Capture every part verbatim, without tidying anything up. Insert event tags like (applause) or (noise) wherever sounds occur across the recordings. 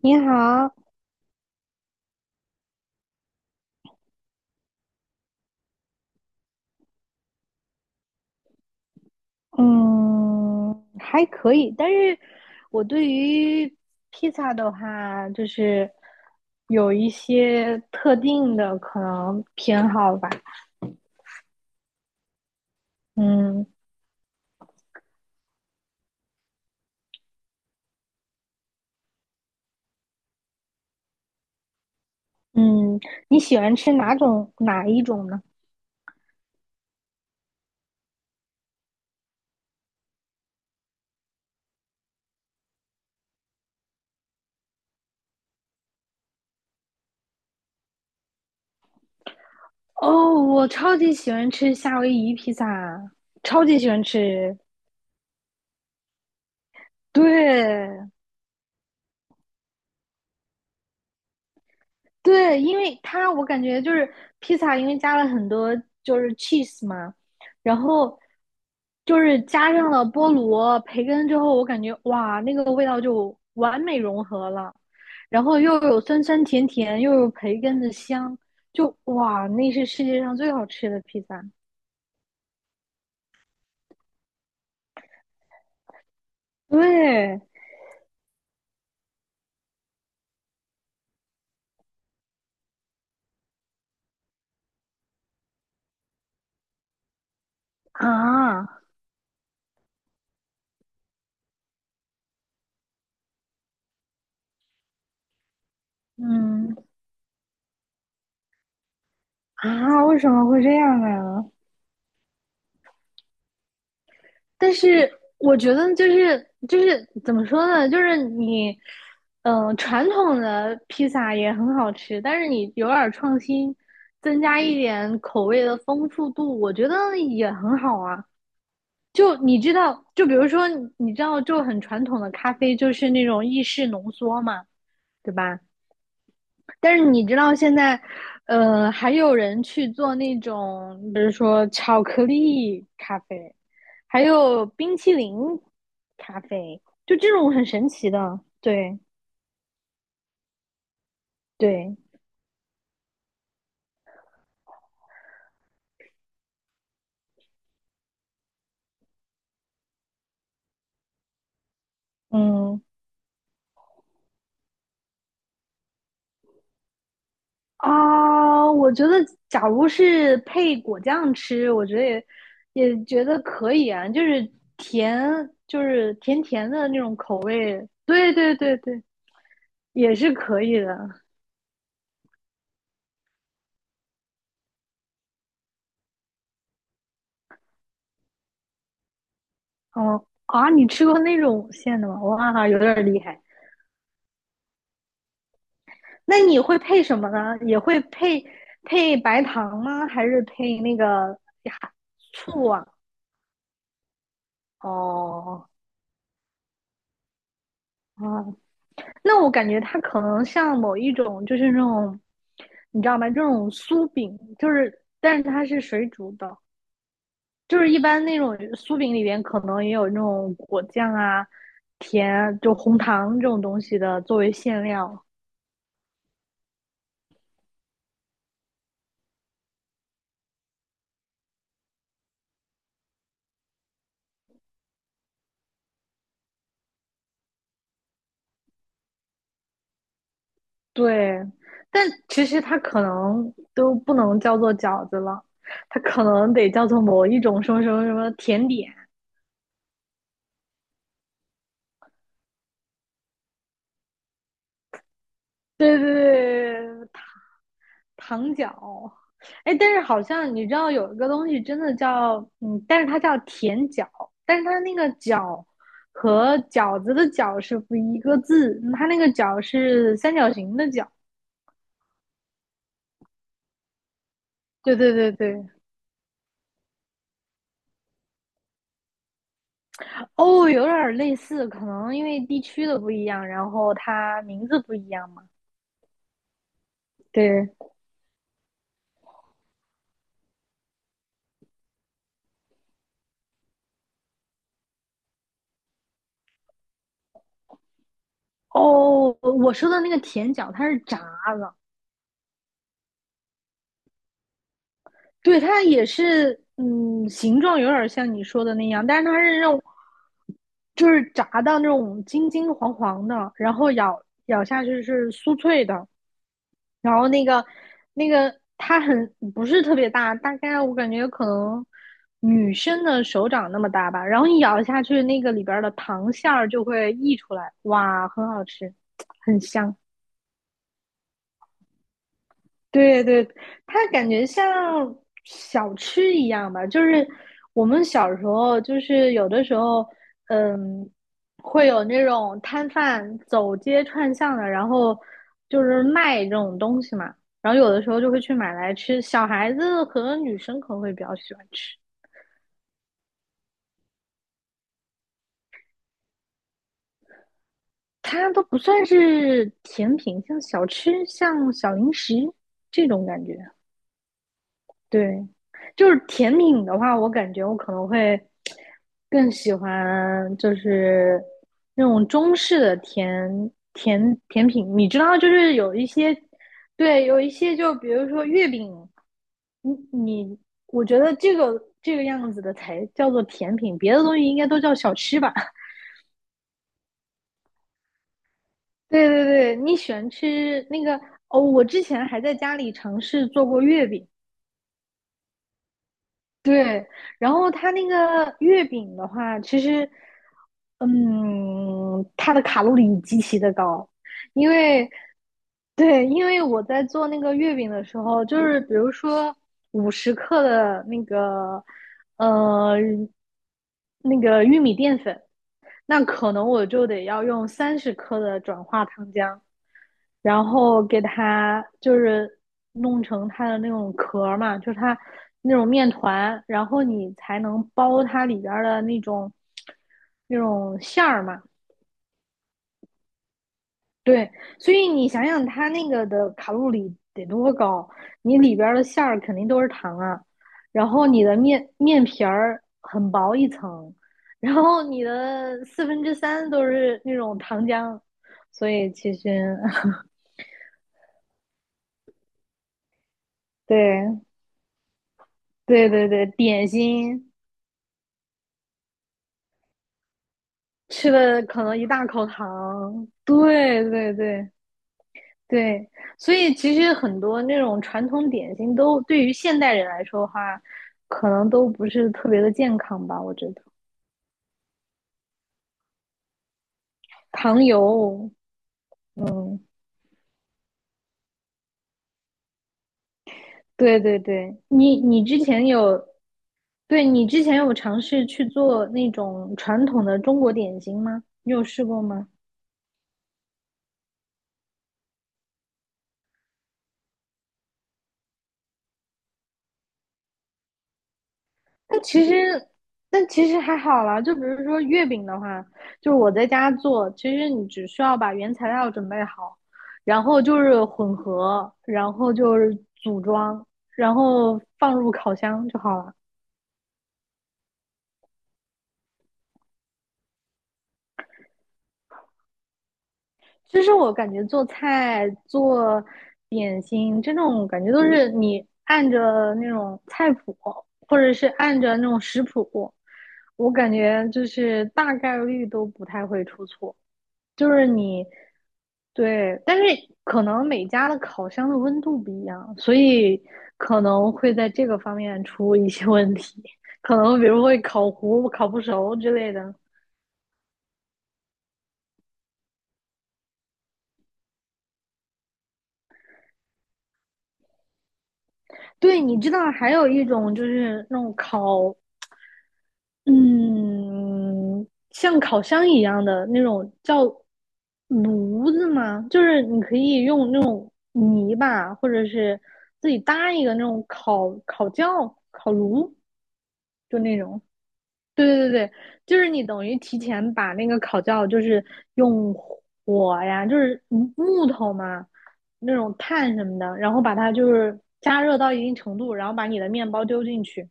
你好，嗯，还可以，但是我对于披萨的话，就是有一些特定的可能偏好吧。嗯嗯，你喜欢吃哪种哪一种呢？哦，我超级喜欢吃夏威夷披萨，超级喜欢吃。对，对，因为它我感觉就是披萨，因为加了很多就是 cheese 嘛，然后就是加上了菠萝、培根之后，我感觉哇，那个味道就完美融合了，然后又有酸酸甜甜，又有培根的香，就哇，那是世界上最好吃的披萨。对啊，嗯啊，为什么会这样呢？但是我觉得就是就是怎么说呢，就是你，嗯、传统的披萨也很好吃，但是你有点儿创新，增加一点口味的丰富度，我觉得也很好啊。就你知道，就比如说你你知道，就很传统的咖啡就是那种意式浓缩嘛，对吧？但是你知道现在，呃，还有人去做那种，比如说巧克力咖啡。还有冰淇淋咖啡，就这种很神奇的。对对，嗯啊，我觉得假如是配果酱吃，我觉得也也觉得可以啊，就是甜，就是甜甜的那种口味。对对对对，也是可以的。哦啊，你吃过那种馅的吗？哇，有点厉害。那你会配什么呢？也会配配白糖吗？还是配那个呀醋啊？哦，啊，那我感觉它可能像某一种，就是那种，你知道吗？这种酥饼，就是，但是它是水煮的，就是一般那种酥饼里边可能也有那种果酱啊、甜啊就红糖这种东西的作为馅料。对，但其实它可能都不能叫做饺子了，它可能得叫做某一种什么什么什么甜点。对对对，糖角，哎，但是好像你知道有一个东西真的叫，嗯，但是它叫甜角，但是它那个角和饺子的饺是不一个字，它那个角是三角形的角。对对对对，哦，有点儿类似，可能因为地区的不一样，然后它名字不一样嘛。对，哦，我说的那个甜角它是炸的，对，它也是，嗯，形状有点像你说的那样，但是它是那种，就是炸到那种金金黄黄的，然后咬咬下去是酥脆的，然后那个那个它很不是特别大，大概我感觉可能女生的手掌那么大吧，然后你咬下去，那个里边儿的糖馅儿就会溢出来，哇，很好吃，很香。对对，它感觉像小吃一样吧，就是我们小时候，就是有的时候，嗯，会有那种摊贩走街串巷的，然后就是卖这种东西嘛，然后有的时候就会去买来吃。小孩子和女生可能会比较喜欢吃，它都不算是甜品，像小吃，像小零食这种感觉。对，就是甜品的话，我感觉我可能会更喜欢就是那种中式的甜甜甜品。你知道，就是有一些，对，有一些就比如说月饼，你你，我觉得这个这个样子的才叫做甜品，别的东西应该都叫小吃吧。(laughs) 对对对，你喜欢吃那个哦？我之前还在家里尝试做过月饼，对，然后它那个月饼的话，其实，嗯，它的卡路里极其的高，因为，对，因为我在做那个月饼的时候，就是比如说五十克的那个，呃，那个玉米淀粉，那可能我就得要用三十克的转化糖浆，然后给它就是弄成它的那种壳嘛，就是它那种面团，然后你才能包它里边的那种那种馅儿嘛。对，所以你想想它那个的卡路里得多高，你里边的馅儿肯定都是糖啊，然后你的面面皮儿很薄一层，然后你的四分之三都是那种糖浆，所以其实 (laughs) 对，对对对，点心吃了可能一大口糖，对对对对，所以其实很多那种传统点心都对于现代人来说的话，可能都不是特别的健康吧，我觉得糖油，嗯，对对对，你你之前有，对，你之前有尝试去做那种传统的中国点心吗？你有试过吗？但其实，但其实还好啦。就比如说月饼的话，就是我在家做，其实你只需要把原材料准备好，然后就是混合，然后就是组装，然后放入烤箱就好了。其实我感觉做菜、做点心这种感觉都是你按着那种菜谱，或者是按着那种食谱，我感觉就是大概率都不太会出错。就是你对，但是可能每家的烤箱的温度不一样，所以可能会在这个方面出一些问题，可能比如会烤糊、烤不熟之类的。对，你知道还有一种就是那种烤，嗯，像烤箱一样的那种叫炉子吗？就是你可以用那种泥巴，或者是自己搭一个那种烤烤窖、烤炉，就那种。对对对，对，就是你等于提前把那个烤窖，就是用火呀，就是木头嘛，那种炭什么的，然后把它就是加热到一定程度，然后把你的面包丢进去，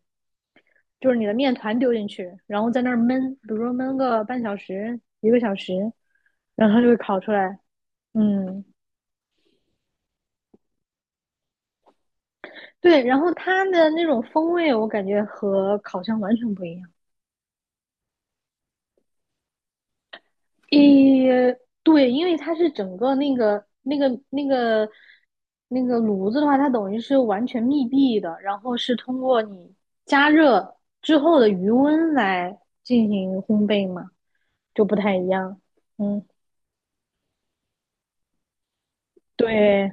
就是你的面团丢进去，然后在那儿焖，比如说焖个半小时、一个小时，然后它就会烤出来。嗯，对，然后它的那种风味，我感觉和烤箱完全不一样。诶，对，因为它是整个那个那个那个那个炉子的话，它等于是完全密闭的，然后是通过你加热之后的余温来进行烘焙嘛，就不太一样。嗯，对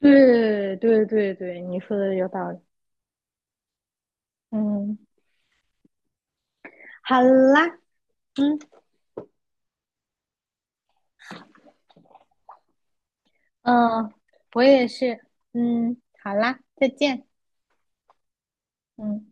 对对对对，你说的有道理。嗯，好啦，嗯嗯，呃我也是。嗯，好啦，再见。嗯。